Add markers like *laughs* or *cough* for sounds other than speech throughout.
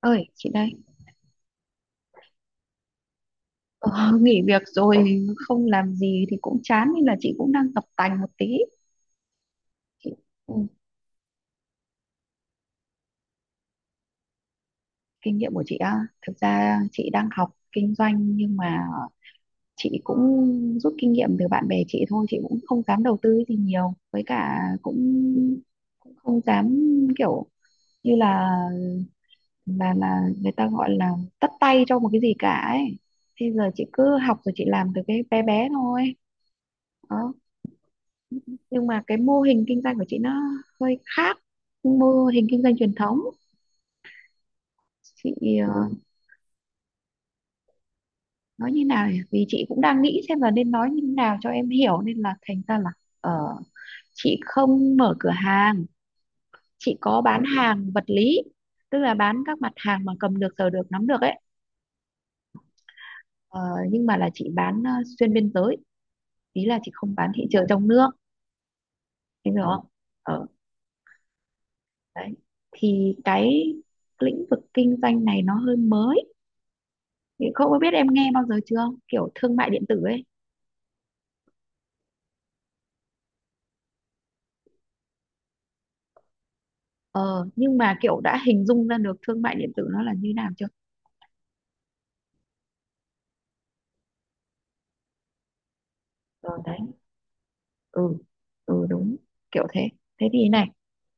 Ơi, chị đây. ờ, *laughs* Nghỉ việc rồi, không làm gì thì cũng chán nên là chị cũng đang tập tành một tí. Chị, ừ, kinh nghiệm của chị á, thực ra chị đang học kinh doanh nhưng mà chị cũng rút kinh nghiệm từ bạn bè chị thôi, chị cũng không dám đầu tư gì nhiều, với cả cũng cũng không dám kiểu như là là người ta gọi là tất tay cho một cái gì cả ấy. Bây giờ chị cứ học rồi chị làm từ cái bé bé thôi. Nhưng mà cái mô hình kinh doanh của chị nó hơi khác mô hình kinh doanh truyền thống. Chị ừ. Nói như nào nhỉ? Vì chị cũng đang nghĩ xem là nên nói như thế nào cho em hiểu nên là thành ra là ờ, chị không mở cửa hàng, chị có bán hàng vật lý, tức là bán các mặt hàng mà cầm được sờ được nắm được ấy. Ờ, nhưng mà là chị bán xuyên biên giới, ý là chị không bán thị trường trong nước, em hiểu không? Ờ, đấy, thì cái lĩnh vực kinh doanh này nó hơi mới. Thì không có biết em nghe bao giờ chưa, kiểu thương mại điện tử ấy. Ờ, nhưng mà kiểu đã hình dung ra được thương mại điện tử nó là như nào chưa? Ờ đấy, ừ, ừ đúng, kiểu thế. Thế thì này,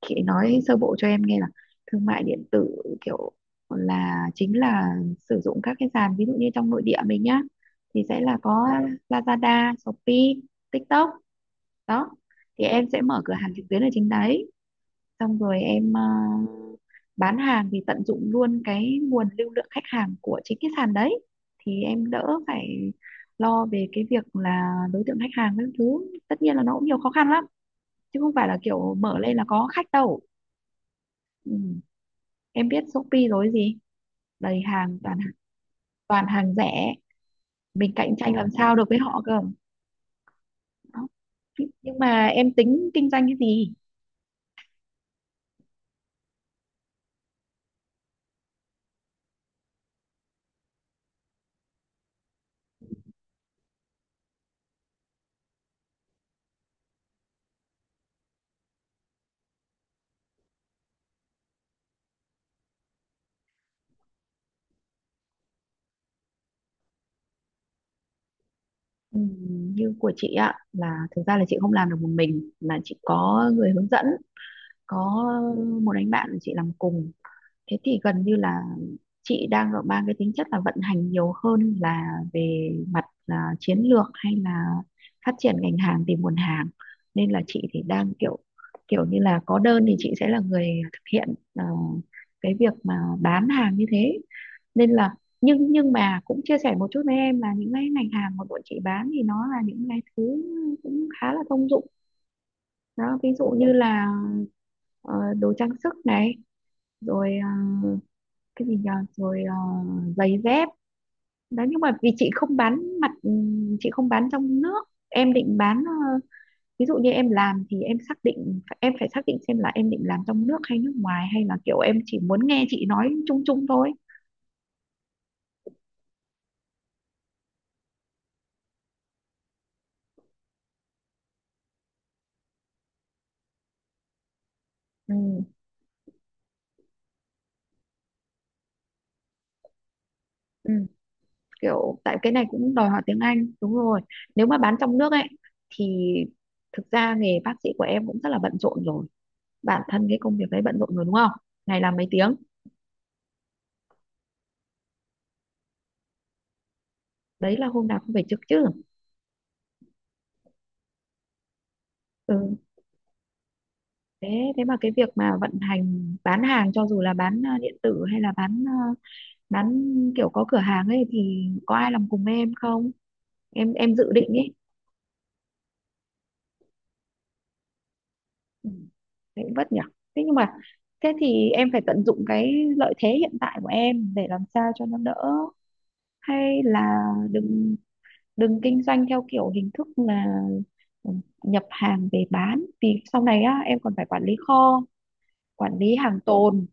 chị nói sơ bộ cho em nghe là thương mại điện tử kiểu là chính là sử dụng các cái sàn, ví dụ như trong nội địa mình nhá, thì sẽ là có Lazada, Shopee, TikTok đó. Thì em sẽ mở cửa hàng trực tuyến ở trên đấy, xong rồi em bán hàng thì tận dụng luôn cái nguồn lưu lượng khách hàng của chính cái sàn đấy, thì em đỡ phải lo về cái việc là đối tượng khách hàng các thứ. Tất nhiên là nó cũng nhiều khó khăn lắm chứ không phải là kiểu mở lên là có khách đâu. Ừ. Em biết Shopee rồi gì, đầy hàng toàn toàn hàng rẻ, mình cạnh tranh làm sao được với họ cơ. Đó. Nhưng mà em tính kinh doanh cái gì? Ừ, như của chị ạ, là thực ra là chị không làm được một mình mà chị có người hướng dẫn, có một anh bạn của chị làm cùng. Thế thì gần như là chị đang ở mang cái tính chất là vận hành nhiều hơn là về mặt là chiến lược hay là phát triển ngành hàng, tìm nguồn hàng. Nên là chị thì đang kiểu, kiểu như là có đơn thì chị sẽ là người thực hiện cái việc mà bán hàng như thế. Nên là nhưng mà cũng chia sẻ một chút với em là những cái ngành hàng mà bọn chị bán thì nó là những cái thứ cũng khá là thông dụng đó, ví dụ như là đồ trang sức này, rồi cái gì nhờ, rồi giày dép đó. Nhưng mà vì chị không bán mặt chị không bán trong nước. Em định bán ví dụ như em làm thì em xác định, em phải xác định xem là em định làm trong nước hay nước ngoài, hay là kiểu em chỉ muốn nghe chị nói chung chung thôi? Ừ, ừ. Kiểu tại cái này cũng đòi hỏi tiếng Anh đúng rồi. Nếu mà bán trong nước ấy thì thực ra nghề bác sĩ của em cũng rất là bận rộn rồi, bản thân cái công việc đấy bận rộn rồi đúng không, ngày làm mấy tiếng, đấy là hôm nào cũng phải trực chứ. Ừ, thế thế mà cái việc mà vận hành bán hàng cho dù là bán điện tử hay là bán bán kiểu có cửa hàng ấy thì có ai làm cùng em không, em dự định ấy? Ừ. Thế cũng vất nhỉ. Thế nhưng mà thế thì em phải tận dụng cái lợi thế hiện tại của em để làm sao cho nó đỡ, hay là đừng đừng kinh doanh theo kiểu hình thức là, ừ, nhập hàng về bán, vì sau này á em còn phải quản lý kho, quản lý hàng tồn.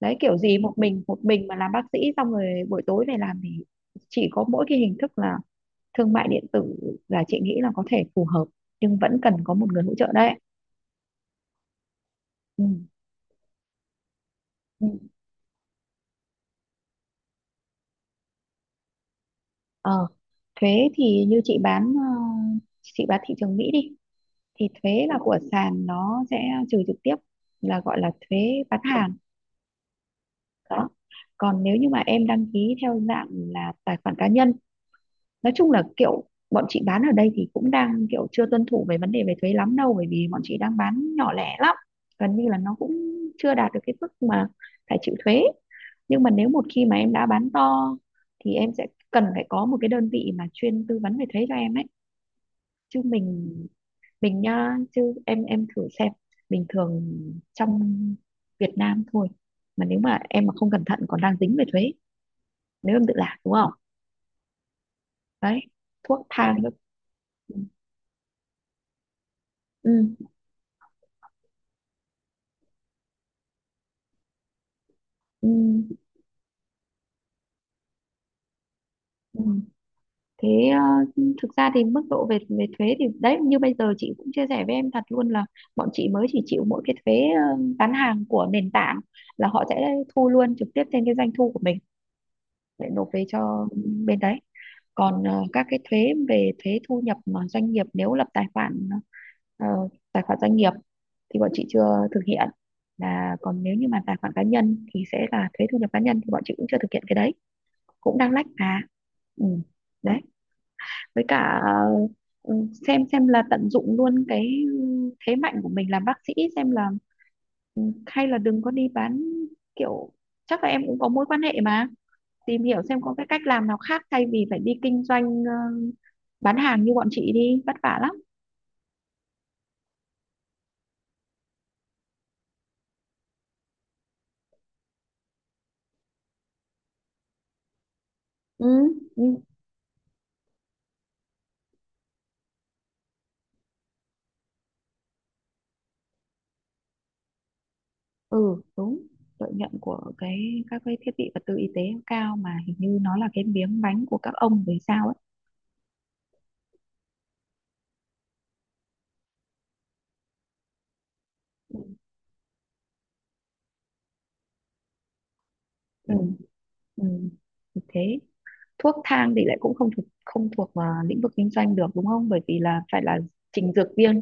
Đấy, kiểu gì một mình, một mình mà làm bác sĩ xong rồi buổi tối về làm thì chỉ có mỗi cái hình thức là thương mại điện tử là chị nghĩ là có thể phù hợp, nhưng vẫn cần có một người hỗ trợ đấy. Ừ. Ừ. Ờ, thuế thì như chị bán chị bán thị trường Mỹ đi thì thuế là của sàn nó sẽ trừ trực tiếp, là gọi là thuế bán hàng đó. Còn nếu như mà em đăng ký theo dạng là tài khoản cá nhân, nói chung là kiểu bọn chị bán ở đây thì cũng đang kiểu chưa tuân thủ về vấn đề về thuế lắm đâu, bởi vì bọn chị đang bán nhỏ lẻ lắm, gần như là nó cũng chưa đạt được cái mức mà phải chịu thuế. Nhưng mà nếu một khi mà em đã bán to thì em sẽ cần phải có một cái đơn vị mà chuyên tư vấn về thuế cho em ấy, chứ mình nha, chứ em thử xem, bình thường trong Việt Nam thôi mà nếu mà em mà không cẩn thận còn đang dính về thuế, nếu em tự làm đúng không. Đấy, thuốc thang các, ừ, ừ, ừ. Thế, ờ, thực ra thì mức độ về về thuế thì đấy, như bây giờ chị cũng chia sẻ với em thật luôn là bọn chị mới chỉ chịu mỗi cái thuế bán hàng của nền tảng, là họ sẽ thu luôn trực tiếp trên cái doanh thu của mình để nộp về cho bên đấy. Còn các cái thuế về thuế thu nhập mà doanh nghiệp nếu lập tài khoản ờ, tài khoản doanh nghiệp thì bọn chị chưa thực hiện. Là còn nếu như mà tài khoản cá nhân thì sẽ là thuế thu nhập cá nhân thì bọn chị cũng chưa thực hiện cái đấy, cũng đang lách mà. Ừ. Đấy, với cả, ừ, xem là tận dụng luôn cái thế mạnh của mình làm bác sĩ xem là, ừ, hay là đừng có đi bán kiểu, chắc là em cũng có mối quan hệ mà, tìm hiểu xem có cái cách làm nào khác thay vì phải đi kinh doanh bán hàng như bọn chị đi, vất vả lắm. Ừ, ừ, ừ đúng. Lợi nhuận của cái các cái thiết bị vật tư y tế cao mà, hình như nó là cái miếng bánh của các ông về sao ấy. Ừ, ừ, ừ, thì thế, thuốc thang thì lại cũng không thuộc không thuộc vào lĩnh vực kinh doanh được đúng không, bởi vì là phải là trình dược viên,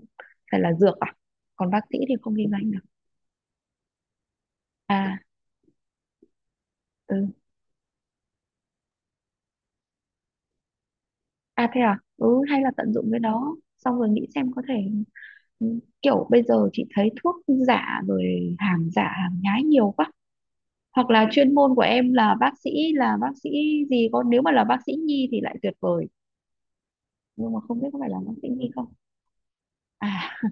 phải là dược à, còn bác sĩ thì không kinh doanh được. À, ừ. À thế à, ừ, hay là tận dụng cái đó xong rồi nghĩ xem có thể, kiểu bây giờ chị thấy thuốc giả rồi hàng giả hàng nhái nhiều quá. Hoặc là chuyên môn của em là bác sĩ, là bác sĩ gì có, nếu mà là bác sĩ nhi thì lại tuyệt vời, nhưng mà không biết có phải là bác sĩ nhi không. À,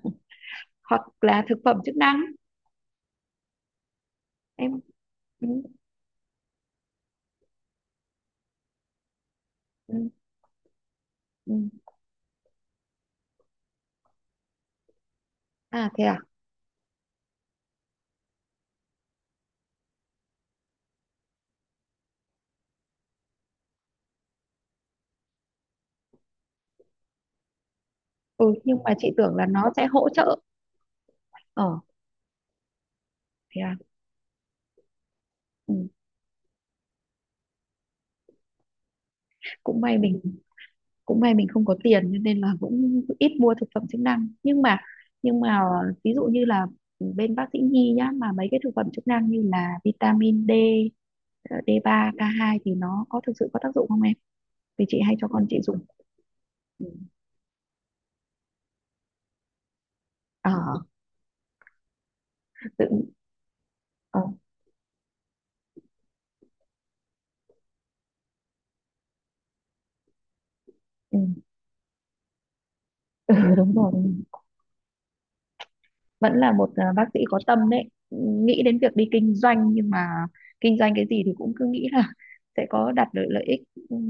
hoặc là thực phẩm chức năng. Em, ừ, ừ, ừ. À thế à, ừ, nhưng mà chị tưởng là nó sẽ hỗ trợ. Ờ thế à. Ừ. Cũng may mình cũng may mình không có tiền cho nên là cũng ít mua thực phẩm chức năng. Nhưng mà, nhưng mà ví dụ như là bên bác sĩ nhi nhá, mà mấy cái thực phẩm chức năng như là vitamin D, ờ, D3 K2 thì nó có thực sự có tác dụng không em, vì chị hay cho con chị dùng. Ừ. ờ tự ờ Ừ. *laughs* Ừ đúng rồi, vẫn là một, à, bác sĩ có tâm đấy, nghĩ đến việc đi kinh doanh, nhưng mà kinh doanh cái gì thì cũng cứ nghĩ là *laughs* sẽ có đặt được lợi ích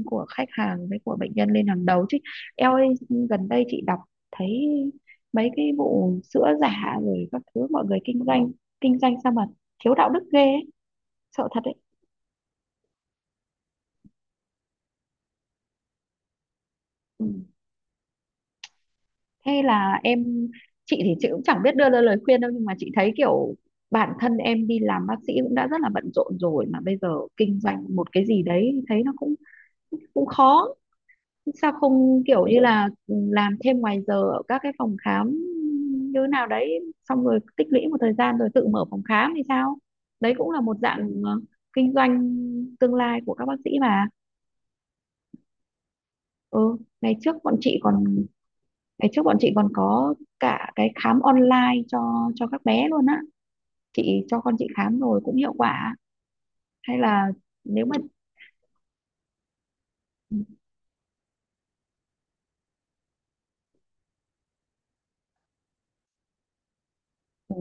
của khách hàng với của bệnh nhân lên hàng đầu chứ. Eo ơi, gần đây chị đọc thấy mấy cái vụ sữa giả rồi các thứ, mọi người kinh doanh sao mà thiếu đạo đức ghê ấy. Sợ thật đấy. Ừ. Thế là em, chị thì chị cũng chẳng biết đưa ra lời khuyên đâu, nhưng mà chị thấy kiểu bản thân em đi làm bác sĩ cũng đã rất là bận rộn rồi mà bây giờ kinh doanh một cái gì đấy thấy nó cũng cũng khó. Sao không kiểu như là, ừ, làm thêm ngoài giờ ở các cái phòng khám như thế nào đấy, xong rồi tích lũy một thời gian rồi tự mở phòng khám thì sao? Đấy cũng là một dạng kinh doanh tương lai của các bác sĩ mà. Ừ, ngày trước bọn chị còn ngày trước bọn chị còn có cả cái khám online cho các bé luôn á. Chị cho con chị khám rồi cũng hiệu quả. Hay là nếu mà, ừ,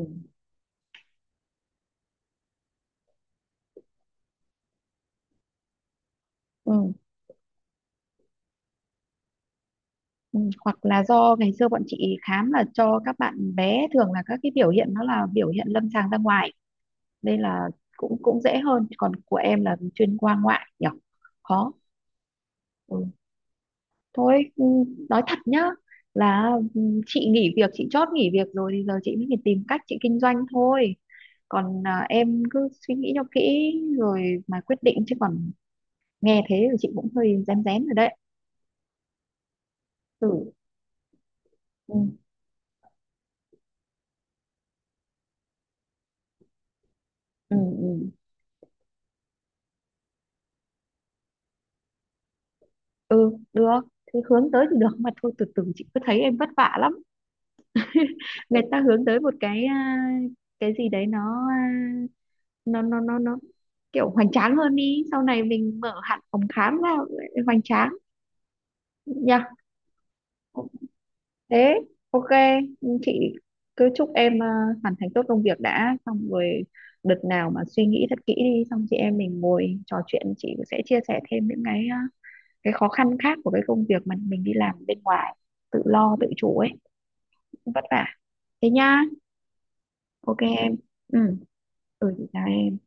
ừ. Ừ, hoặc là do ngày xưa bọn chị khám là cho các bạn bé, thường là các cái biểu hiện nó là biểu hiện lâm sàng ra ngoài nên là cũng cũng dễ hơn, còn của em là chuyên khoa ngoại nhỉ, khó. Ừ. Thôi, ừ, nói thật nhá, là, ừ, chị nghỉ việc, chị chót nghỉ việc rồi thì giờ chị mới phải tìm cách chị kinh doanh thôi, còn à, em cứ suy nghĩ cho kỹ rồi mà quyết định, chứ còn nghe thế thì chị cũng hơi rén rén rồi đấy. Ừ, ừ, ừ, ừ. Ừ được, thế hướng tới thì được mà, thôi từ từ, chị cứ thấy em vất vả lắm. Người ta hướng tới một cái, à, cái gì đấy nó, à, nó kiểu hoành tráng hơn đi, sau này mình mở hẳn phòng khám ra hoành tráng nha. Thế ok, chị cứ chúc em, à, hoàn thành tốt công việc đã, xong rồi đợt nào mà suy nghĩ thật kỹ đi xong chị em mình ngồi trò chuyện, chị sẽ chia sẻ thêm những cái, à, cái khó khăn khác của cái công việc mà mình đi làm bên ngoài tự lo tự chủ ấy, cũng vất vả. Thế nhá, ok em. Ừ, ừ, chị chào em.